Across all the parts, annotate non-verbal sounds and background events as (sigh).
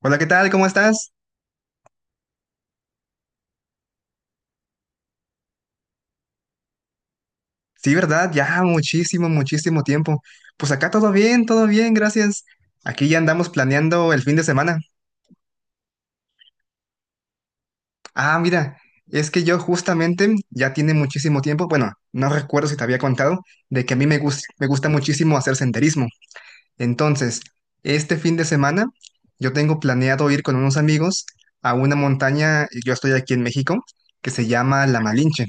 Hola, ¿qué tal? ¿Cómo estás? Sí, ¿verdad? Ya muchísimo, muchísimo tiempo. Pues acá todo bien, gracias. Aquí ya andamos planeando el fin de semana. Ah, mira, es que yo justamente ya tiene muchísimo tiempo, bueno, no recuerdo si te había contado, de que a mí me gusta muchísimo hacer senderismo. Entonces, este fin de semana yo tengo planeado ir con unos amigos a una montaña, yo estoy aquí en México, que se llama La Malinche.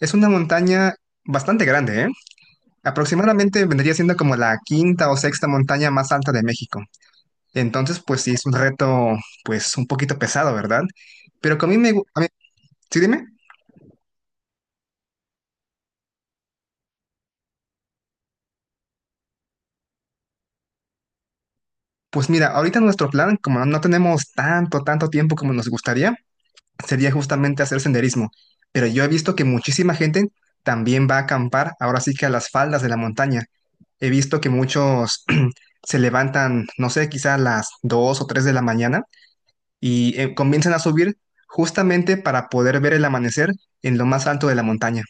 Es una montaña bastante grande, ¿eh? Aproximadamente vendría siendo como la quinta o sexta montaña más alta de México. Entonces, pues sí, es un reto, pues un poquito pesado, ¿verdad? Pero que a mí me... sí, dime. Pues mira, ahorita nuestro plan, como no tenemos tanto, tanto tiempo como nos gustaría, sería justamente hacer senderismo. Pero yo he visto que muchísima gente también va a acampar, ahora sí que a las faldas de la montaña. He visto que muchos (clears throat) se levantan, no sé, quizá a las 2 o 3 de la mañana y comienzan a subir justamente para poder ver el amanecer en lo más alto de la montaña.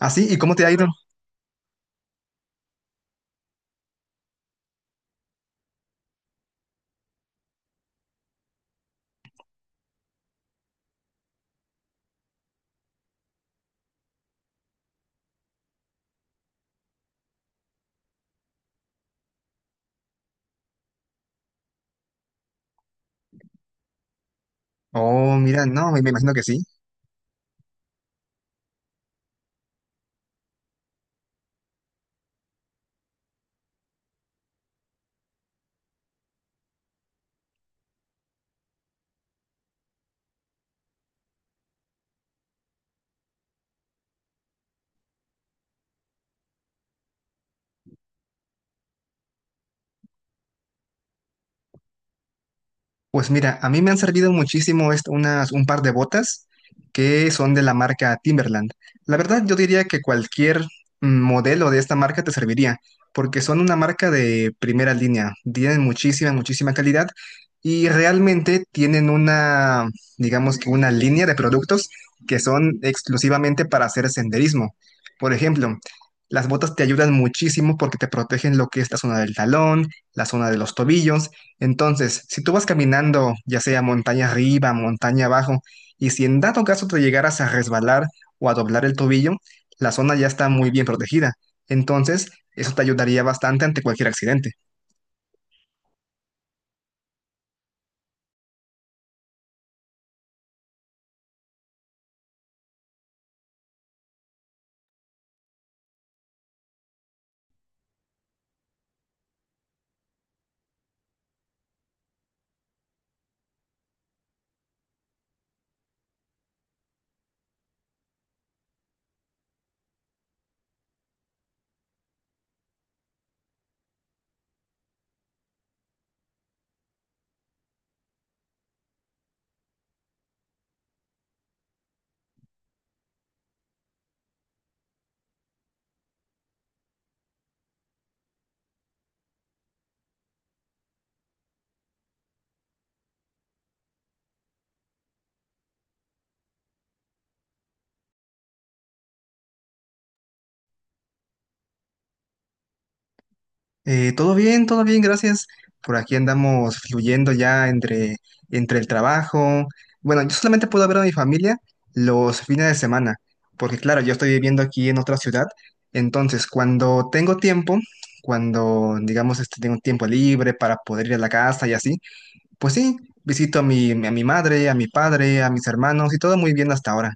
¿Así? ¿Y cómo te ha ido? Oh, mira, no, me imagino que sí. Pues mira, a mí me han servido muchísimo unas, un par de botas que son de la marca Timberland. La verdad, yo diría que cualquier modelo de esta marca te serviría, porque son una marca de primera línea, tienen muchísima, muchísima calidad y realmente tienen una, digamos que una línea de productos que son exclusivamente para hacer senderismo. Por ejemplo, las botas te ayudan muchísimo porque te protegen lo que es la zona del talón, la zona de los tobillos. Entonces, si tú vas caminando, ya sea montaña arriba, montaña abajo, y si en dado caso te llegaras a resbalar o a doblar el tobillo, la zona ya está muy bien protegida. Entonces, eso te ayudaría bastante ante cualquier accidente. Todo bien, gracias. Por aquí andamos fluyendo ya entre, entre el trabajo. Bueno, yo solamente puedo ver a mi familia los fines de semana, porque claro, yo estoy viviendo aquí en otra ciudad. Entonces, cuando tengo tiempo, cuando digamos este, tengo tiempo libre para poder ir a la casa y así, pues sí, visito a mi madre, a mi padre, a mis hermanos y todo muy bien hasta ahora.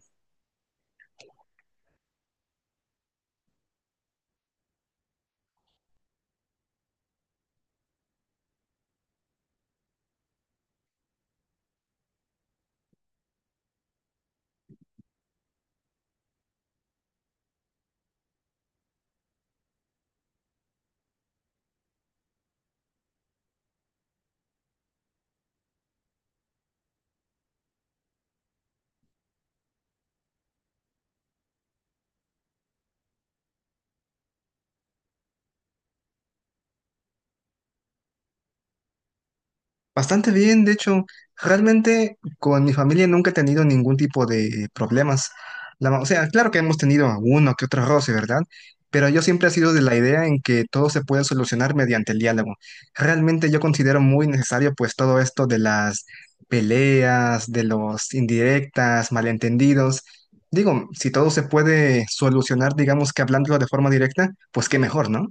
Bastante bien, de hecho, realmente con mi familia nunca he tenido ningún tipo de problemas. O sea, claro que hemos tenido uno que otro roce, ¿verdad? Pero yo siempre he sido de la idea en que todo se puede solucionar mediante el diálogo. Realmente yo considero muy necesario pues todo esto de las peleas, de los indirectas, malentendidos. Digo, si todo se puede solucionar, digamos que hablándolo de forma directa, pues qué mejor, ¿no?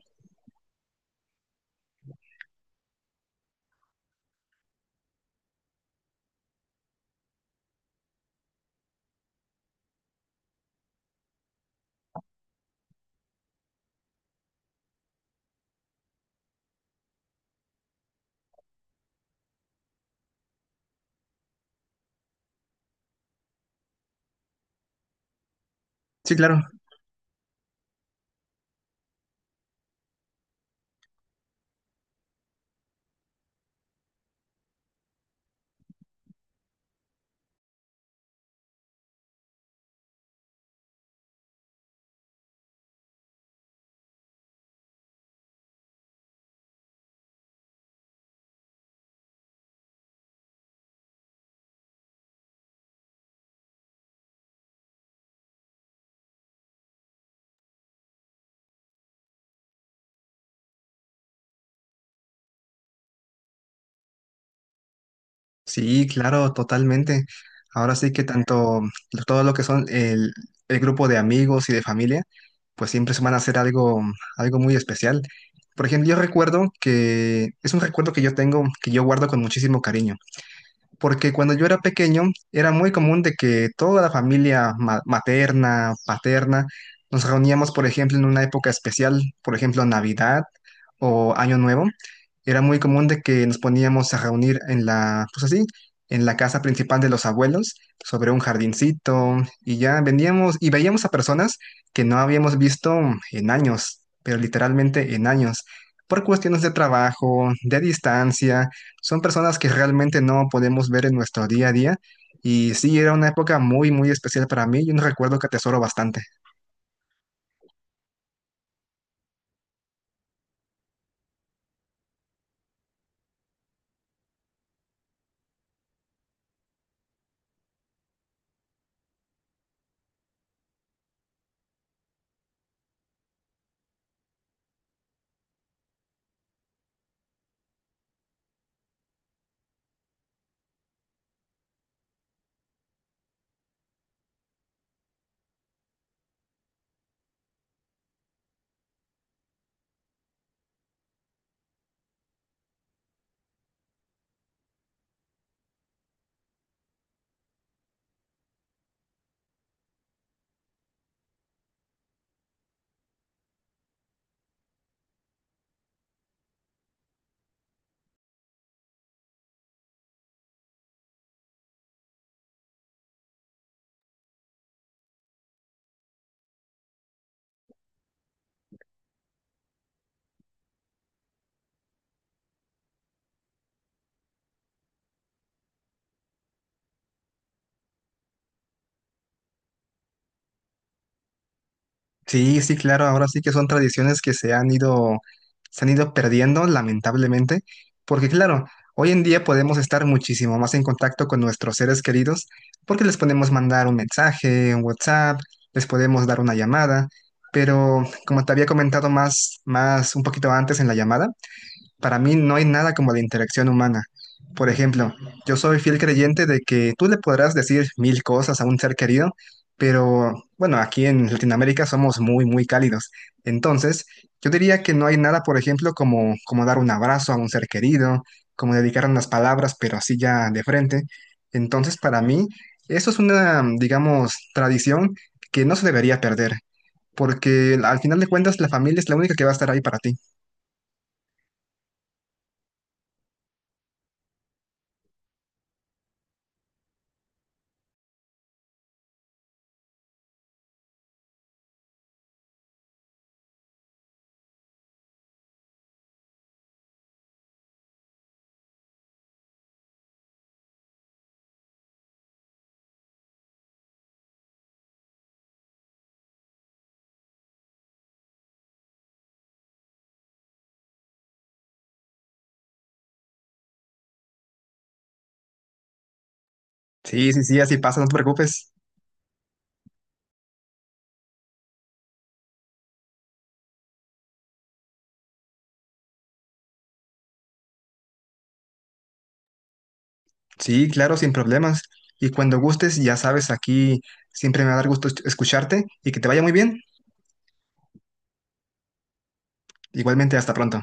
Sí, claro. Sí, claro, totalmente. Ahora sí que tanto todo lo que son el grupo de amigos y de familia, pues siempre se van a hacer algo, algo muy especial. Por ejemplo, yo recuerdo que es un recuerdo que yo tengo, que yo guardo con muchísimo cariño porque cuando yo era pequeño era muy común de que toda la familia materna, paterna, nos reuníamos, por ejemplo, en una época especial, por ejemplo, Navidad o Año Nuevo. Era muy común de que nos poníamos a reunir en la, pues así, en la casa principal de los abuelos, sobre un jardincito, y ya veníamos y veíamos a personas que no habíamos visto en años, pero literalmente en años, por cuestiones de trabajo, de distancia son personas que realmente no podemos ver en nuestro día a día. Y sí, era una época muy, muy especial para mí y un recuerdo que atesoro bastante. Sí, sí, claro, ahora sí que son tradiciones que se han ido perdiendo, lamentablemente, porque claro, hoy en día podemos estar muchísimo más en contacto con nuestros seres queridos porque les podemos mandar un mensaje, un WhatsApp, les podemos dar una llamada, pero como te había comentado más, más un poquito antes en la llamada, para mí no hay nada como la interacción humana. Por ejemplo, yo soy fiel creyente de que tú le podrás decir 1000 cosas a un ser querido, pero bueno, aquí en Latinoamérica somos muy, muy cálidos. Entonces, yo diría que no hay nada, por ejemplo, como, como dar un abrazo a un ser querido, como dedicar unas palabras, pero así ya de frente. Entonces, para mí, eso es una, digamos, tradición que no se debería perder, porque al final de cuentas la familia es la única que va a estar ahí para ti. Sí, sí, sí, así pasa, no te preocupes. Sí, claro, sin problemas. Y cuando gustes, ya sabes, aquí siempre me va a dar gusto escucharte y que te vaya muy bien. Igualmente, hasta pronto.